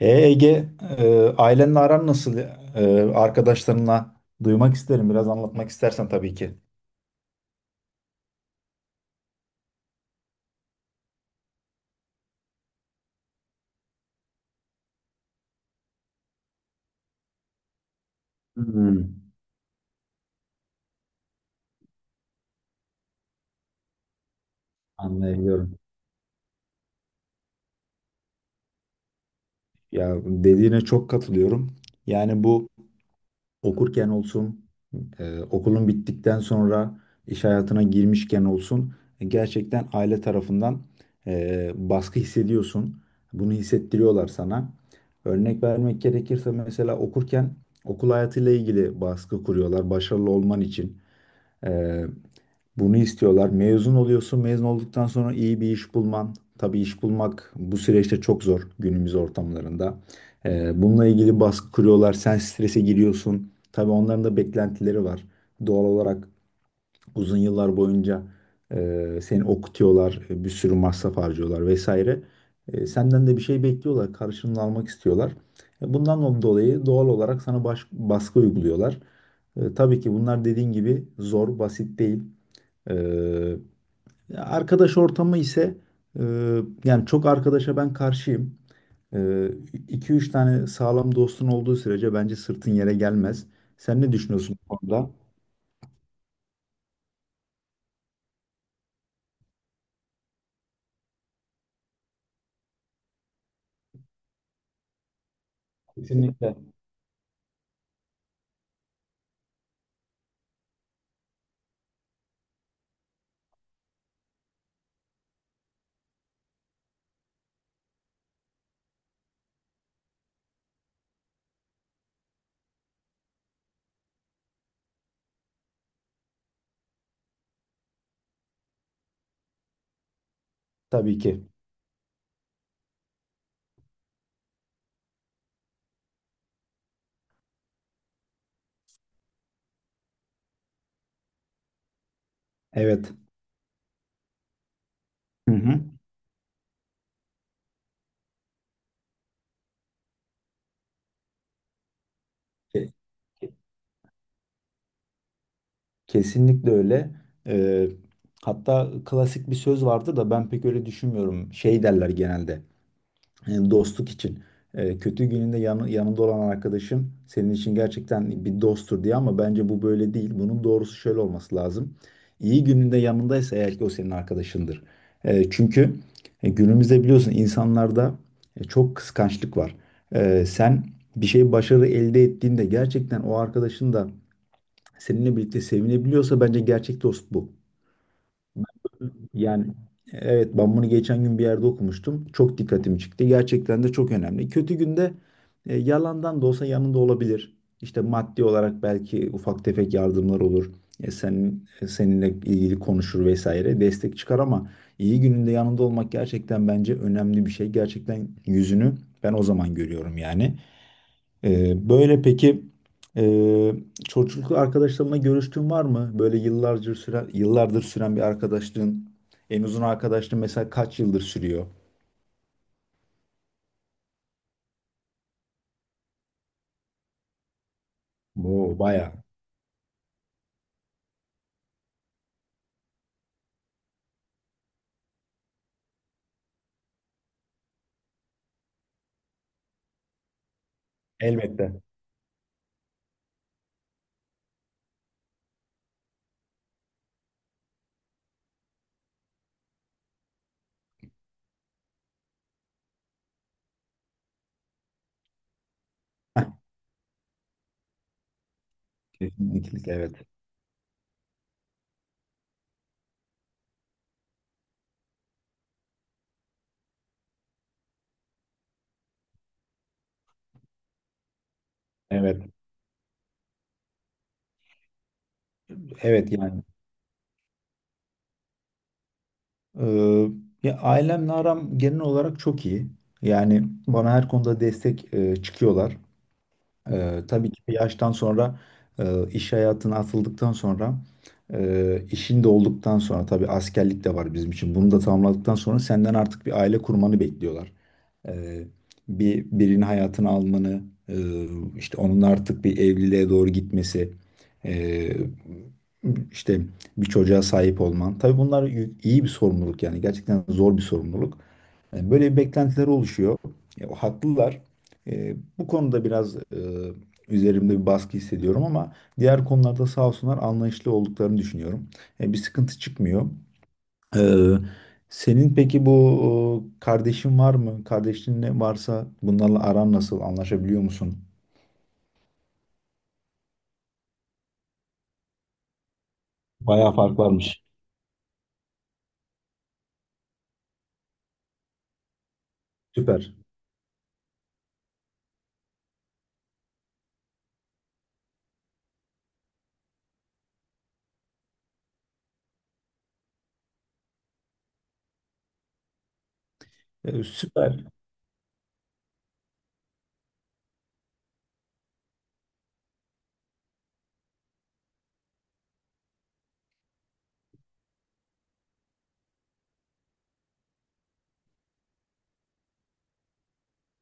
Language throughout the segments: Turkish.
Ege, ailenle aran nasıl? Arkadaşlarınla duymak isterim. Biraz anlatmak istersen tabii ki. Hmm, Anlayabiliyorum. Ya dediğine çok katılıyorum. Yani bu okurken olsun, okulun bittikten sonra iş hayatına girmişken olsun, gerçekten aile tarafından, baskı hissediyorsun. Bunu hissettiriyorlar sana. Örnek vermek gerekirse mesela okurken okul hayatıyla ilgili baskı kuruyorlar başarılı olman için. Ee, Bunu istiyorlar. Mezun oluyorsun. Mezun olduktan sonra iyi bir iş bulman. Tabii iş bulmak bu süreçte çok zor günümüz ortamlarında. Bununla ilgili baskı kuruyorlar. Sen strese giriyorsun. Tabii onların da beklentileri var. Doğal olarak uzun yıllar boyunca seni okutuyorlar, bir sürü masraf harcıyorlar vesaire. Senden de bir şey bekliyorlar, karşılığını almak istiyorlar. Bundan dolayı doğal olarak sana baskı uyguluyorlar. Tabii ki bunlar dediğin gibi zor, basit değil. E, Arkadaş ortamı ise e, yani çok arkadaşa ben karşıyım. 2 üç tane sağlam dostun olduğu sürece bence sırtın yere gelmez. Sen ne düşünüyorsun bu konuda? Kesinlikle. Tabii ki. Evet. Hı hı. Ke- Kesinlikle öyle. Ee, Hatta klasik bir söz vardı da ben pek öyle düşünmüyorum. Şey derler genelde, dostluk için. Kötü gününde yanında olan arkadaşın senin için gerçekten bir dosttur diye ama bence bu böyle değil. Bunun doğrusu şöyle olması lazım. İyi gününde yanındaysa eğer ki o senin arkadaşındır. Çünkü, günümüzde biliyorsun insanlarda, çok kıskançlık var. Sen bir şey başarı elde ettiğinde gerçekten o arkadaşın da seninle birlikte sevinebiliyorsa bence gerçek dost bu. Yani evet ben bunu geçen gün bir yerde okumuştum. Çok dikkatimi çıktı. Gerçekten de çok önemli. Kötü günde, yalandan da olsa yanında olabilir. İşte maddi olarak belki ufak tefek yardımlar olur. Sen, seninle ilgili konuşur vesaire destek çıkar ama iyi gününde yanında olmak gerçekten bence önemli bir şey. Gerçekten yüzünü ben o zaman görüyorum yani. Böyle peki e, çocukluk arkadaşlarınla görüştüğün var mı? Böyle yıllardır süren bir arkadaşlığın, en uzun arkadaşlığın mesela kaç yıldır sürüyor? Bu bayağı. Elbette. Kesinlikle evet. Evet. Evet yani. Ee, Ya ailemle aram genel olarak çok iyi. Yani bana her konuda destek, çıkıyorlar. Tabii ki bir yaştan sonra, iş hayatına atıldıktan sonra, işin de olduktan sonra tabii askerlik de var bizim için. Bunu da tamamladıktan sonra senden artık bir aile kurmanı bekliyorlar. Ee, Bir birinin hayatını almanı, e, işte onun artık bir evliliğe doğru gitmesi, e, işte bir çocuğa sahip olman. Tabii bunlar iyi bir sorumluluk yani gerçekten zor bir sorumluluk. Böyle bir beklentiler oluşuyor. O haklılar. Bu konuda biraz, üzerimde bir baskı hissediyorum ama diğer konularda sağ olsunlar anlayışlı olduklarını düşünüyorum. Bir sıkıntı çıkmıyor. Ee, Senin peki bu, kardeşin var mı? Kardeşin ne varsa bunlarla aran nasıl? Anlaşabiliyor musun? Bayağı fark varmış. Süper. Süper.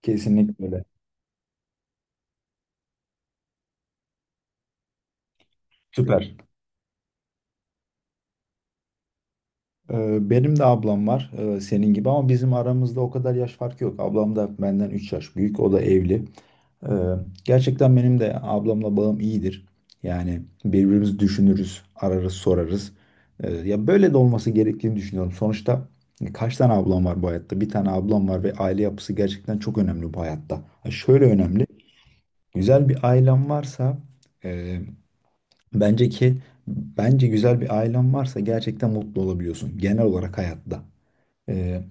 Kesinlikle öyle. Süper. Benim de ablam var, senin gibi ama bizim aramızda o kadar yaş farkı yok. Ablam da benden 3 yaş büyük. O da evli. Ee, Gerçekten benim de ablamla bağım iyidir. Yani birbirimizi düşünürüz, ararız, sorarız. Ya böyle de olması gerektiğini düşünüyorum. Sonuçta kaç tane ablam var bu hayatta? Bir tane ablam var ve aile yapısı gerçekten çok önemli bu hayatta. Ha, şöyle önemli. Güzel bir ailem varsa e, bence ki bence güzel bir ailem varsa gerçekten mutlu olabiliyorsun genel olarak hayatta. Ee,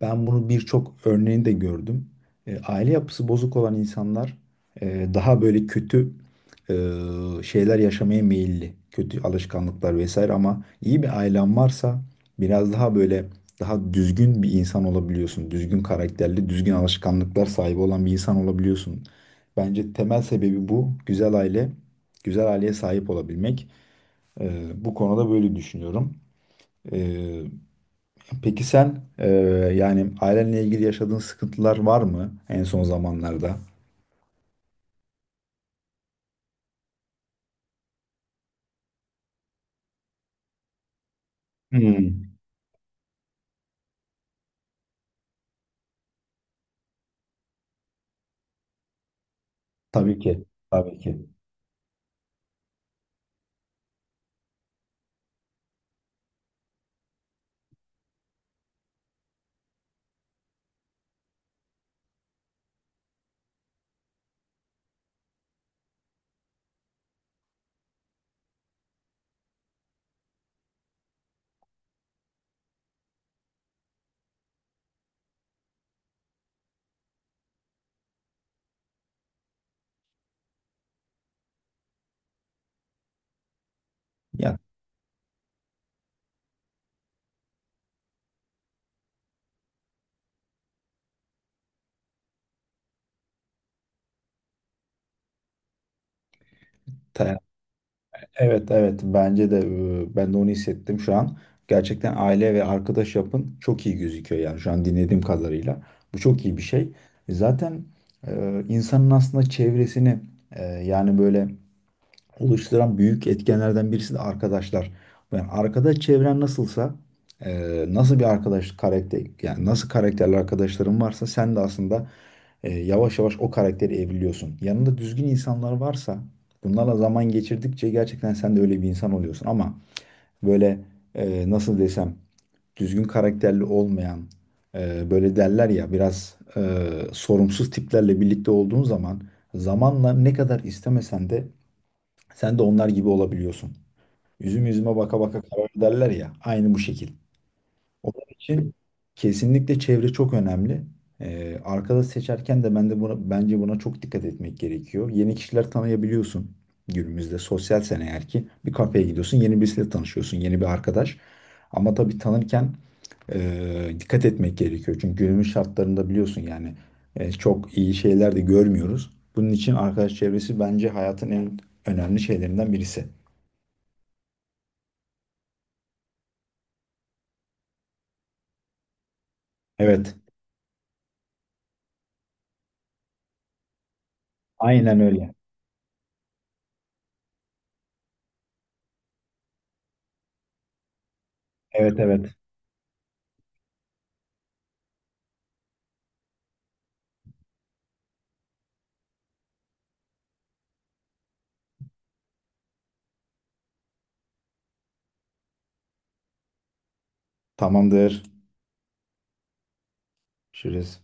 Ben bunu birçok örneğini de gördüm. Aile yapısı bozuk olan insanlar, daha böyle kötü e, şeyler yaşamaya meyilli. Kötü alışkanlıklar vesaire ama iyi bir ailen varsa biraz daha böyle daha düzgün bir insan olabiliyorsun. Düzgün karakterli, düzgün alışkanlıklar sahibi olan bir insan olabiliyorsun. Bence temel sebebi bu. Güzel aile, güzel aileye sahip olabilmek. Bu konuda böyle düşünüyorum. Peki sen, yani ailenle ilgili yaşadığın sıkıntılar var mı en son zamanlarda? Hmm. Tabii ki. Tabii ki. Ya ta- evet evet bence de, ben de onu hissettim şu an. Gerçekten aile ve arkadaş yapın çok iyi gözüküyor yani şu an dinlediğim kadarıyla. Bu çok iyi bir şey. Zaten, insanın aslında çevresini, yani böyle oluşturan büyük etkenlerden birisi de arkadaşlar. Yani arkadaş çevren nasılsa, e, nasıl bir arkadaş karakter, yani nasıl karakterli arkadaşların varsa sen de aslında, yavaş yavaş o karakteri evriliyorsun. Yanında düzgün insanlar varsa, bunlarla zaman geçirdikçe gerçekten sen de öyle bir insan oluyorsun. Ama böyle, nasıl desem, düzgün karakterli olmayan, böyle derler ya biraz, sorumsuz tiplerle birlikte olduğun zaman zamanla ne kadar istemesen de sen de onlar gibi olabiliyorsun. Üzüm yüzüme baka baka karar derler ya. Aynı bu şekil. Onun için kesinlikle çevre çok önemli. Arkadaş seçerken de ben de buna, bence buna çok dikkat etmek gerekiyor. Yeni kişiler tanıyabiliyorsun günümüzde. Sosyalsen eğer ki bir kafeye gidiyorsun, yeni birisiyle tanışıyorsun, yeni bir arkadaş. Ama tabii tanırken, dikkat etmek gerekiyor. Çünkü günümüz şartlarında biliyorsun yani, çok iyi şeyler de görmüyoruz. Bunun için arkadaş çevresi bence hayatın en önemli şeylerinden birisi. Evet. Aynen öyle. Evet evet. Tamamdır. Görüşürüz.